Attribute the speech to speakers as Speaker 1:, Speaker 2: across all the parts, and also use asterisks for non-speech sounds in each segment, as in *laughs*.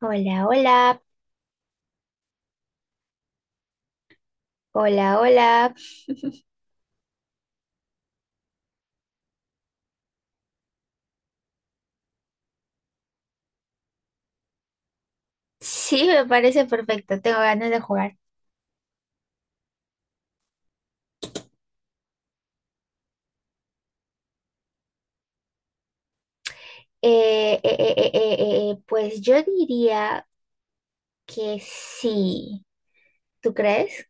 Speaker 1: Hola, hola, hola, hola. Sí, me parece perfecto. Tengo ganas de jugar. Pues yo diría que sí. ¿Tú crees?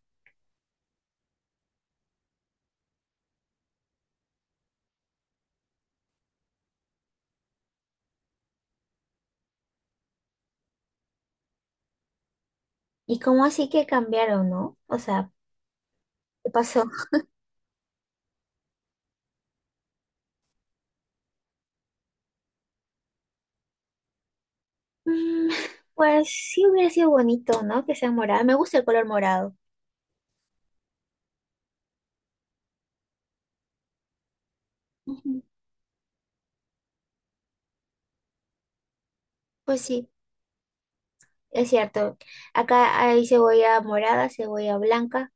Speaker 1: ¿Y cómo así que cambiaron, no? O sea, ¿qué pasó? Mm, pues sí hubiera sido bonito, ¿no? Que sea morado. Me gusta el color morado. Ujú. Pues sí, es cierto. Acá hay cebolla morada, cebolla blanca.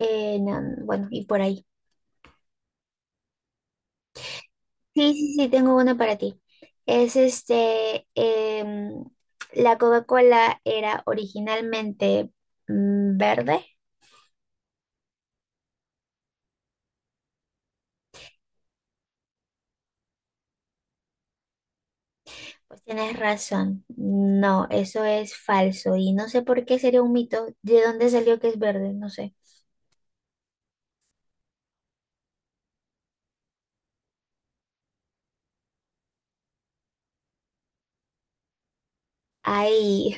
Speaker 1: Bueno, y por ahí. Sí, sí, sí, tengo una para ti. Es este, la Coca-Cola era originalmente verde. Pues tienes razón. No, eso es falso y no sé por qué sería un mito. ¿De dónde salió que es verde? No sé. Ay,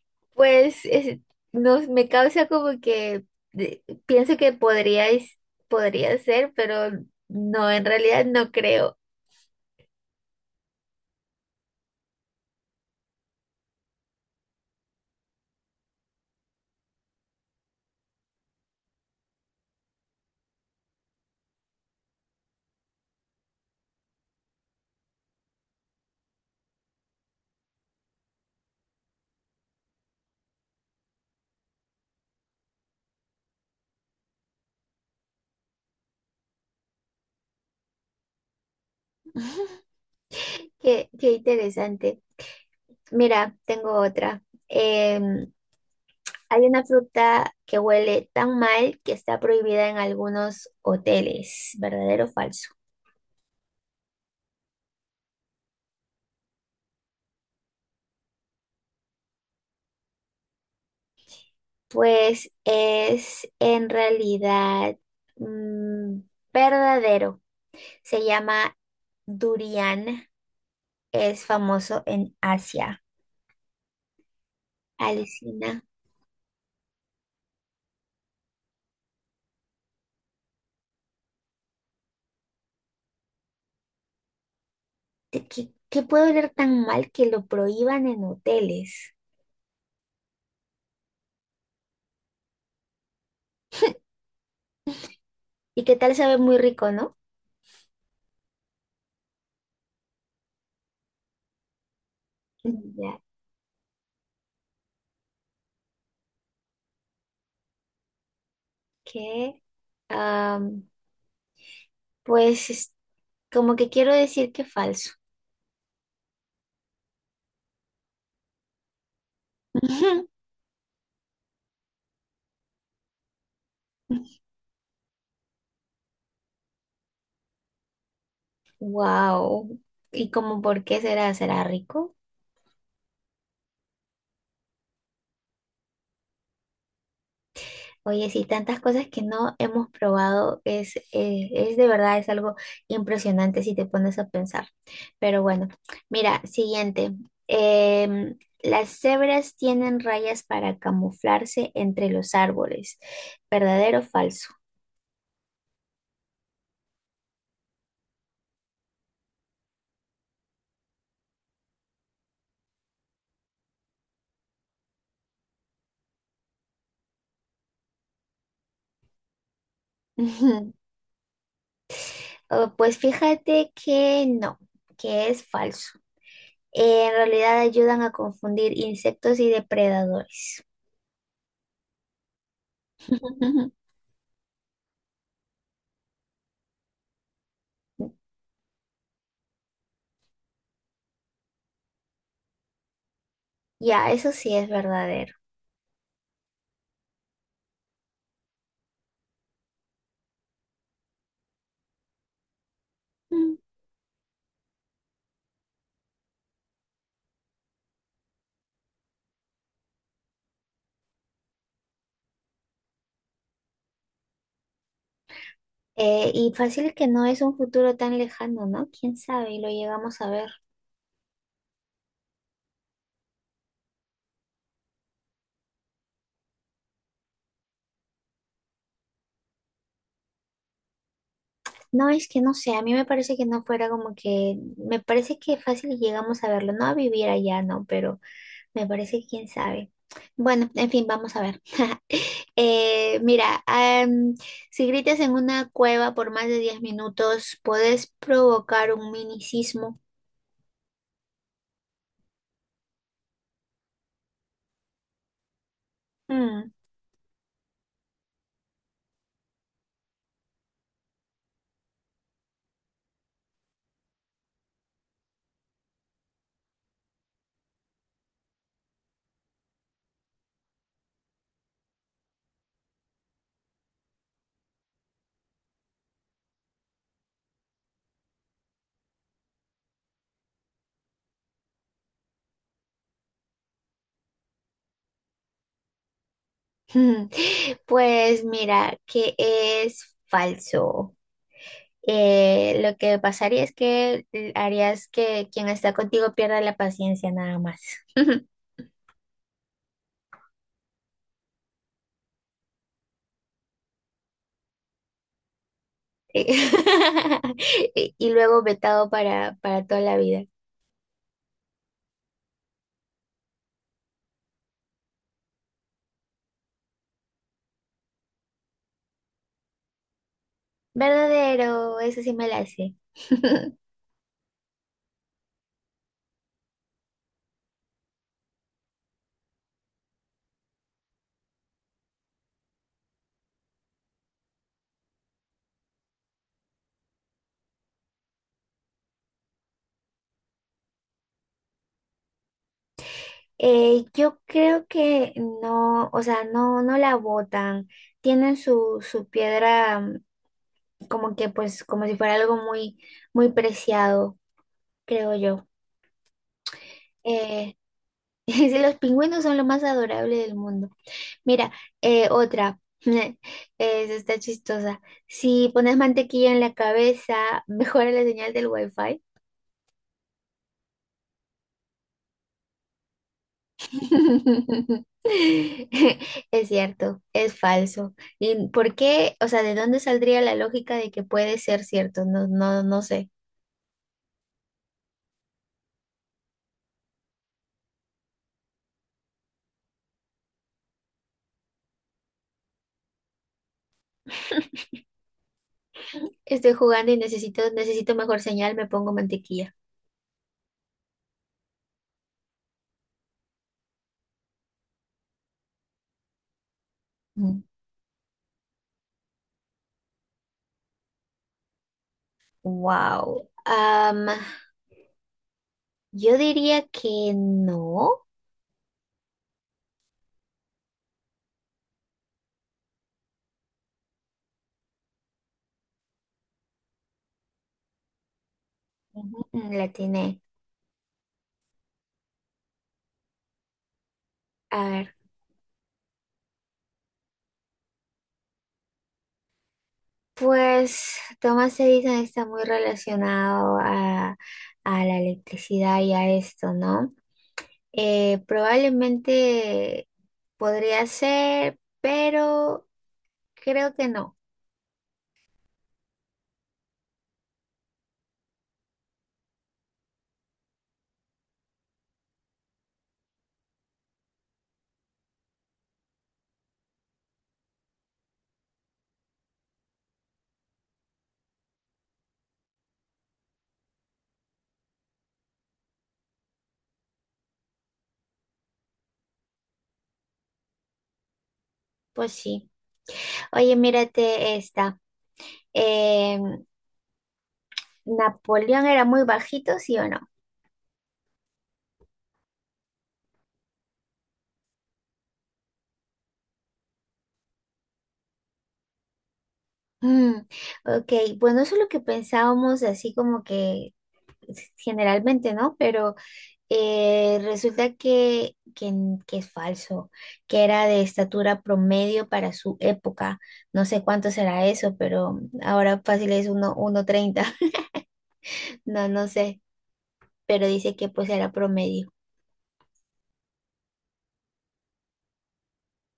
Speaker 1: *laughs* pues es- no, me causa como que de- pienso que podría ser, pero no, en realidad no creo. Qué, qué interesante. Mira, tengo otra. Em, Hay una fruta que huele tan mal que está prohibida en algunos hoteles, ¿verdadero o falso? Pues es en realidad mm, verdadero. Se llama durian, es famoso en Asia. Alucina, ¿qué puede oler tan mal que lo prohíban en hoteles? ¿Y qué tal sabe muy rico, no? Ya, que, am, pues como que quiero decir que falso. *laughs* Wow. ¿Y como por qué será? ¿Será rico? Oye, sí, tantas cosas que no hemos probado, es de verdad, es algo impresionante si te pones a pensar. Pero bueno, mira, siguiente. Las cebras tienen rayas para camuflarse entre los árboles. ¿Verdadero o falso? *laughs* Oh, pues fíjate que no, que es falso. En realidad ayudan a confundir insectos y depredadores. *laughs* Ya, eso sí es verdadero. Mm. Y fácil que no es un futuro tan lejano, ¿no? Quién sabe, y lo llegamos a ver. No, es que no sé, a mí me parece que no fuera como que, me parece que fácil y llegamos a verlo, no a vivir allá, no, pero me parece que quién sabe. Bueno, en fin, vamos a ver. *laughs* Mira, si gritas en una cueva por más de 10 minutos, puedes provocar un mini sismo. *laughs* Pues mira, que es falso. Lo que pasaría es que harías que quien está contigo pierda la paciencia nada más. *laughs* Eh, *laughs* y luego vetado para toda la vida. Verdadero, eso sí me la sé. *laughs* Yo creo que no, o sea, no, no la botan. Tienen su piedra, como que pues como si fuera algo muy, muy preciado, creo yo. Eh, *laughs* dice, los pingüinos son lo más adorable del mundo. Mira, otra. *laughs* Esa está chistosa. Si pones mantequilla en la cabeza, mejora la señal del wifi. *laughs* Es cierto, es falso. ¿Y por qué? O sea, ¿de dónde saldría la lógica de que puede ser cierto? No, no, no sé. Estoy jugando y necesito mejor señal, me pongo mantequilla. Wow. Yo diría que no. Ujú, la tiene. A ver, pues Thomas Edison está muy relacionado a la electricidad y a esto, ¿no? Probablemente podría ser, pero creo que no. Pues sí. Oye, mírate esta. Em, ¿Napoleón era muy bajito, sí o no? Mm, ok, bueno, eso es lo que pensábamos, así como que generalmente, ¿no? Pero... resulta que es falso, que era de estatura promedio para su época. No sé cuánto será eso, pero ahora fácil es 1,30. *laughs* No, no sé, pero dice que pues era promedio.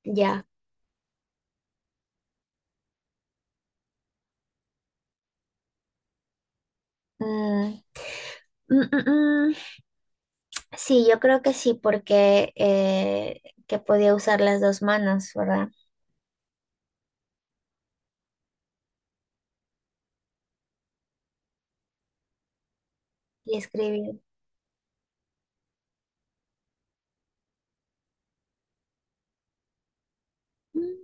Speaker 1: Ya. Mm, mm, mm, mm. Sí, yo creo que sí, porque que podía usar las dos manos, ¿verdad? Y escribir. Mm,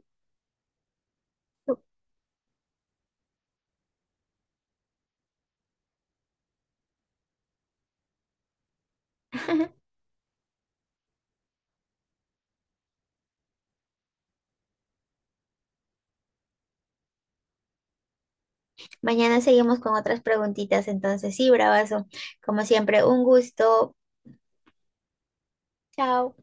Speaker 1: tú. *laughs* Mañana seguimos con otras preguntitas, entonces sí, bravazo. Como siempre, un gusto. Chao.